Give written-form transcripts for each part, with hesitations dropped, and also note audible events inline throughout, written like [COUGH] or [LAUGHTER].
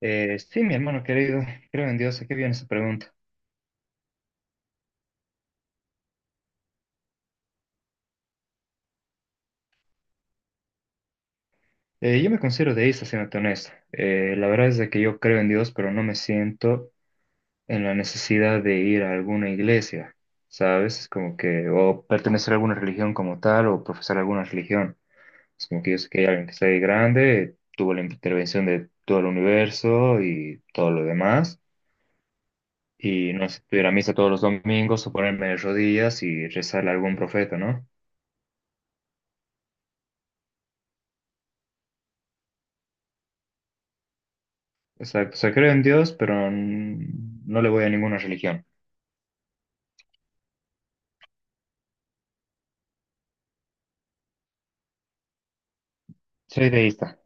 Sí, mi hermano querido, creo en Dios. ¿A qué viene esa pregunta? Yo me considero deísta, siéndote honesto. La verdad es de que yo creo en Dios, pero no me siento en la necesidad de ir a alguna iglesia, ¿sabes? Es como que, o pertenecer a alguna religión como tal, o profesar alguna religión. Es como que yo sé que hay alguien que está ahí grande, tuvo la intervención de todo el universo y todo lo demás, y no sé, ir a misa todos los domingos o ponerme de rodillas y rezarle a algún profeta, ¿no? Exacto, o sea, creo en Dios, pero no le voy a ninguna religión. Soy deísta.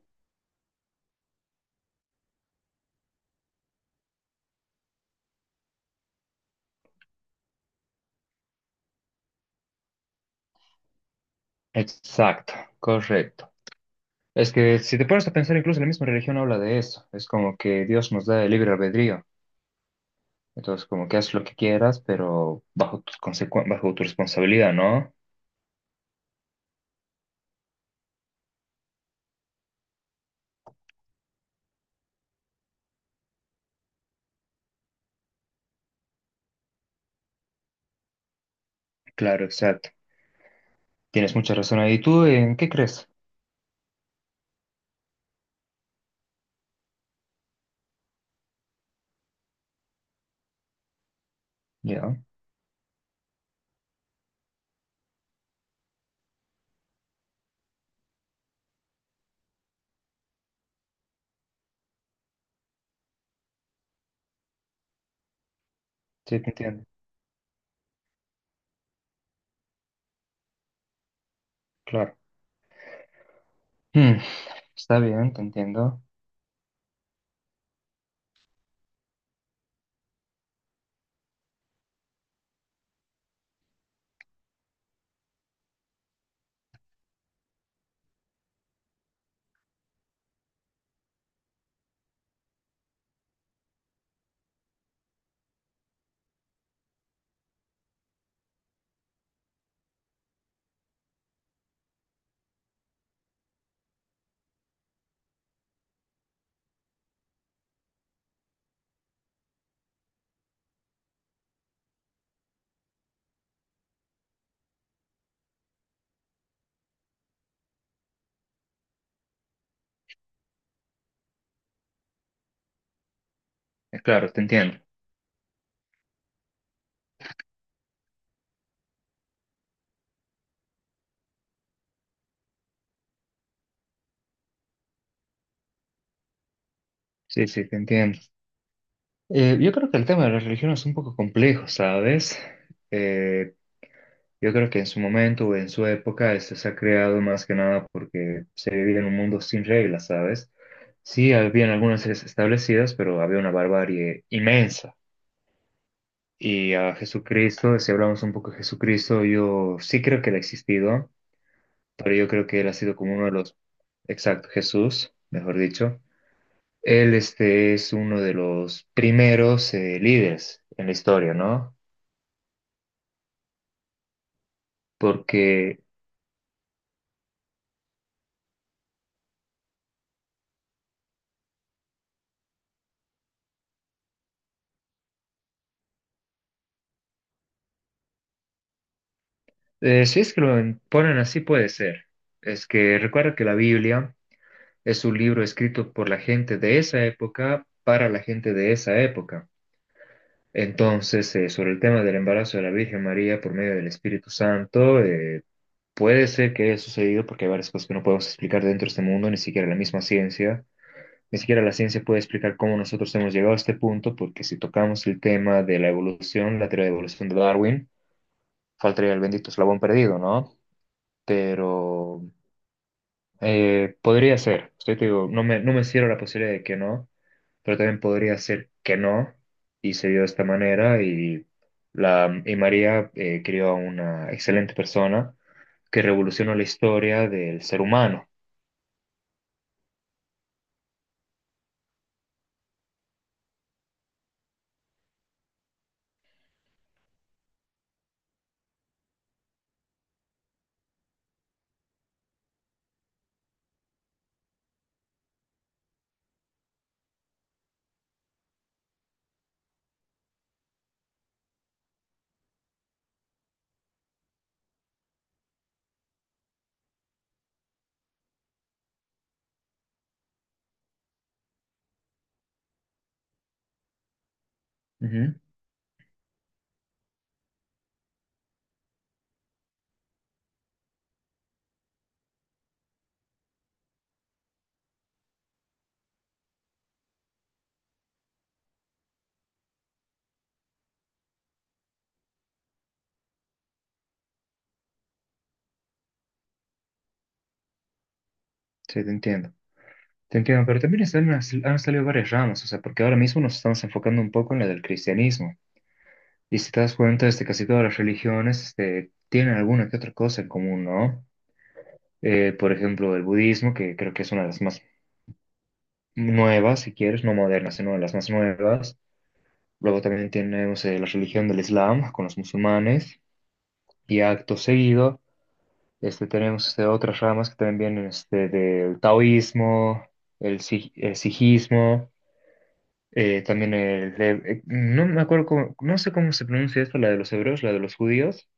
Exacto, correcto. Es que si te pones a pensar, incluso la misma religión habla de eso. Es como que Dios nos da el libre albedrío. Entonces, como que haz lo que quieras, pero bajo tu responsabilidad, ¿no? Claro, exacto. Tienes mucha razón ahí. ¿Tú en qué crees? Ya, sí, te entiendo. Claro. Hmm, está bien, te entiendo. Claro, te entiendo. Sí, sí, te entiendo. Yo creo que el tema de la religión es un poco complejo, ¿sabes? Eh, yo creo que en su momento o en su época este se ha creado más que nada porque se vivía en un mundo sin reglas, ¿sabes? Sí, habían algunas leyes establecidas, pero había una barbarie inmensa. Y a Jesucristo, si hablamos un poco de Jesucristo, yo sí creo que él ha existido, pero yo creo que él ha sido como uno de los, exacto, Jesús, mejor dicho. Él este, es uno de los primeros líderes en la historia, ¿no? Porque si es que lo ponen así puede ser. Es que recuerda que la Biblia es un libro escrito por la gente de esa época para la gente de esa época. Entonces, sobre el tema del embarazo de la Virgen María por medio del Espíritu Santo, puede ser que haya sucedido porque hay varias cosas que no podemos explicar dentro de este mundo, ni siquiera la misma ciencia. Ni siquiera la ciencia puede explicar cómo nosotros hemos llegado a este punto, porque si tocamos el tema de la evolución, la teoría de evolución de Darwin, faltaría el bendito eslabón perdido, ¿no? Pero podría ser. Estoy, te digo, no me cierro la posibilidad de que no, pero también podría ser que no, y se dio de esta manera, y, y María crió a una excelente persona que revolucionó la historia del ser humano. Ujú, sí, te entiendo. Te entiendo, pero también han salido varias ramas, o sea, porque ahora mismo nos estamos enfocando un poco en la del cristianismo. Y si te das cuenta, este, casi todas las religiones, este, tienen alguna que otra cosa en común, ¿no? Por ejemplo, el budismo, que creo que es una de las más nuevas, si quieres, no modernas, sino de las más nuevas. Luego también tenemos la religión del Islam con los musulmanes. Y acto seguido, este, tenemos este, otras ramas que también vienen este, del taoísmo, el, si- el sijismo, no me acuerdo no sé cómo se pronuncia esto, la de los hebreos, la de los judíos.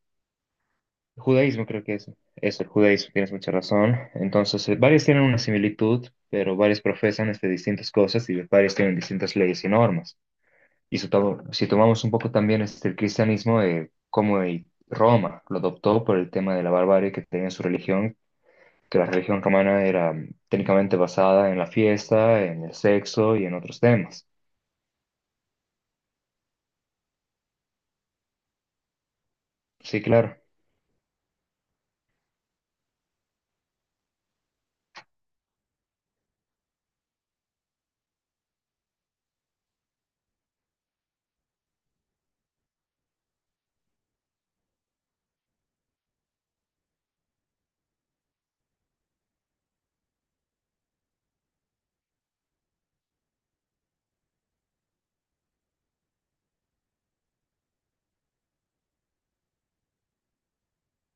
Judaísmo, creo que es el judaísmo, tienes mucha razón. Entonces, varios tienen una similitud, pero varios profesan este, distintas cosas y varios tienen distintas leyes y normas. Y si, si tomamos un poco también este, el cristianismo, Roma lo adoptó por el tema de la barbarie que tenía en su religión, que la religión romana era mm, técnicamente basada en la fiesta, en el sexo y en otros temas. Sí, claro.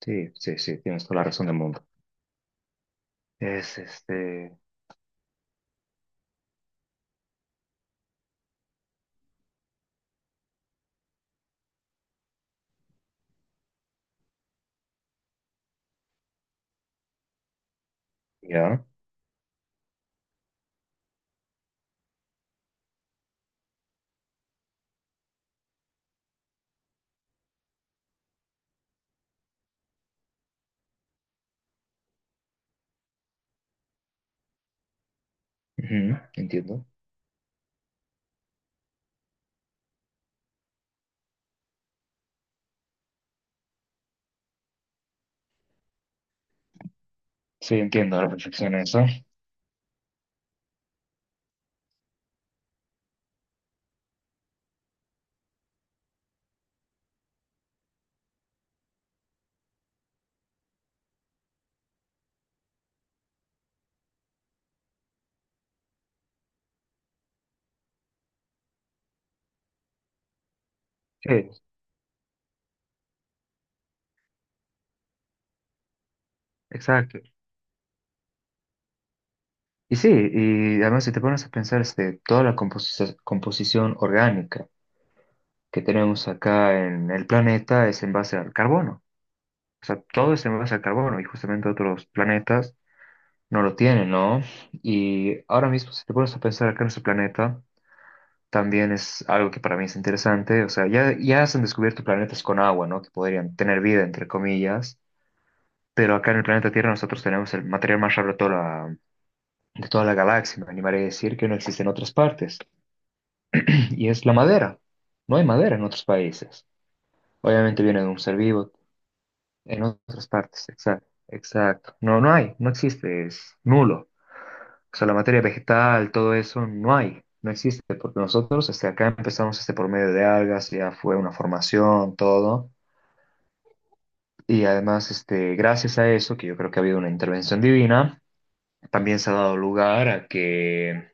Sí, sí, sí, tienes toda la razón del mundo. Es este, ya, ujú, entiendo. Sí, entiendo a la perfección eso. Sí, exacto. Y sí, y además si te pones a pensar este, toda la composición orgánica que tenemos acá en el planeta es en base al carbono. O sea, todo es en base al carbono y justamente otros planetas no lo tienen, ¿no? Y ahora mismo si te pones a pensar acá en nuestro planeta, también es algo que para mí es interesante. O sea, ya se han descubierto planetas con agua, ¿no? Que podrían tener vida, entre comillas. Pero acá en el planeta Tierra nosotros tenemos el material más raro de toda la galaxia, me animaré a decir que no existe en otras partes, [CLEARS THROAT] y es la madera. No hay madera en otros países. Obviamente viene de un ser vivo en otras partes, exacto, exacto. No hay, no existe, es nulo. O sea, la materia vegetal, todo eso, no hay, no existe, porque nosotros este, acá empezamos este, por medio de algas, ya fue una formación, todo. Y además, este, gracias a eso, que yo creo que ha habido una intervención divina, también se ha dado lugar a que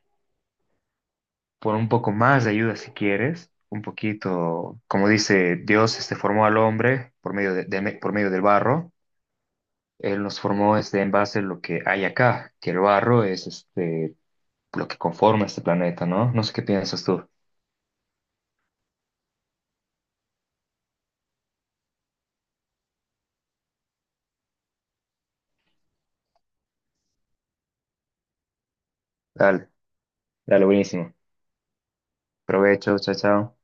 por un poco más de ayuda si quieres, un poquito, como dice Dios, este formó al hombre por medio por medio del barro. Él nos formó este en base a lo que hay acá, que el barro es este lo que conforma este planeta, ¿no? No sé qué piensas tú. Dale, dale, buenísimo. Provecho, chao, chao.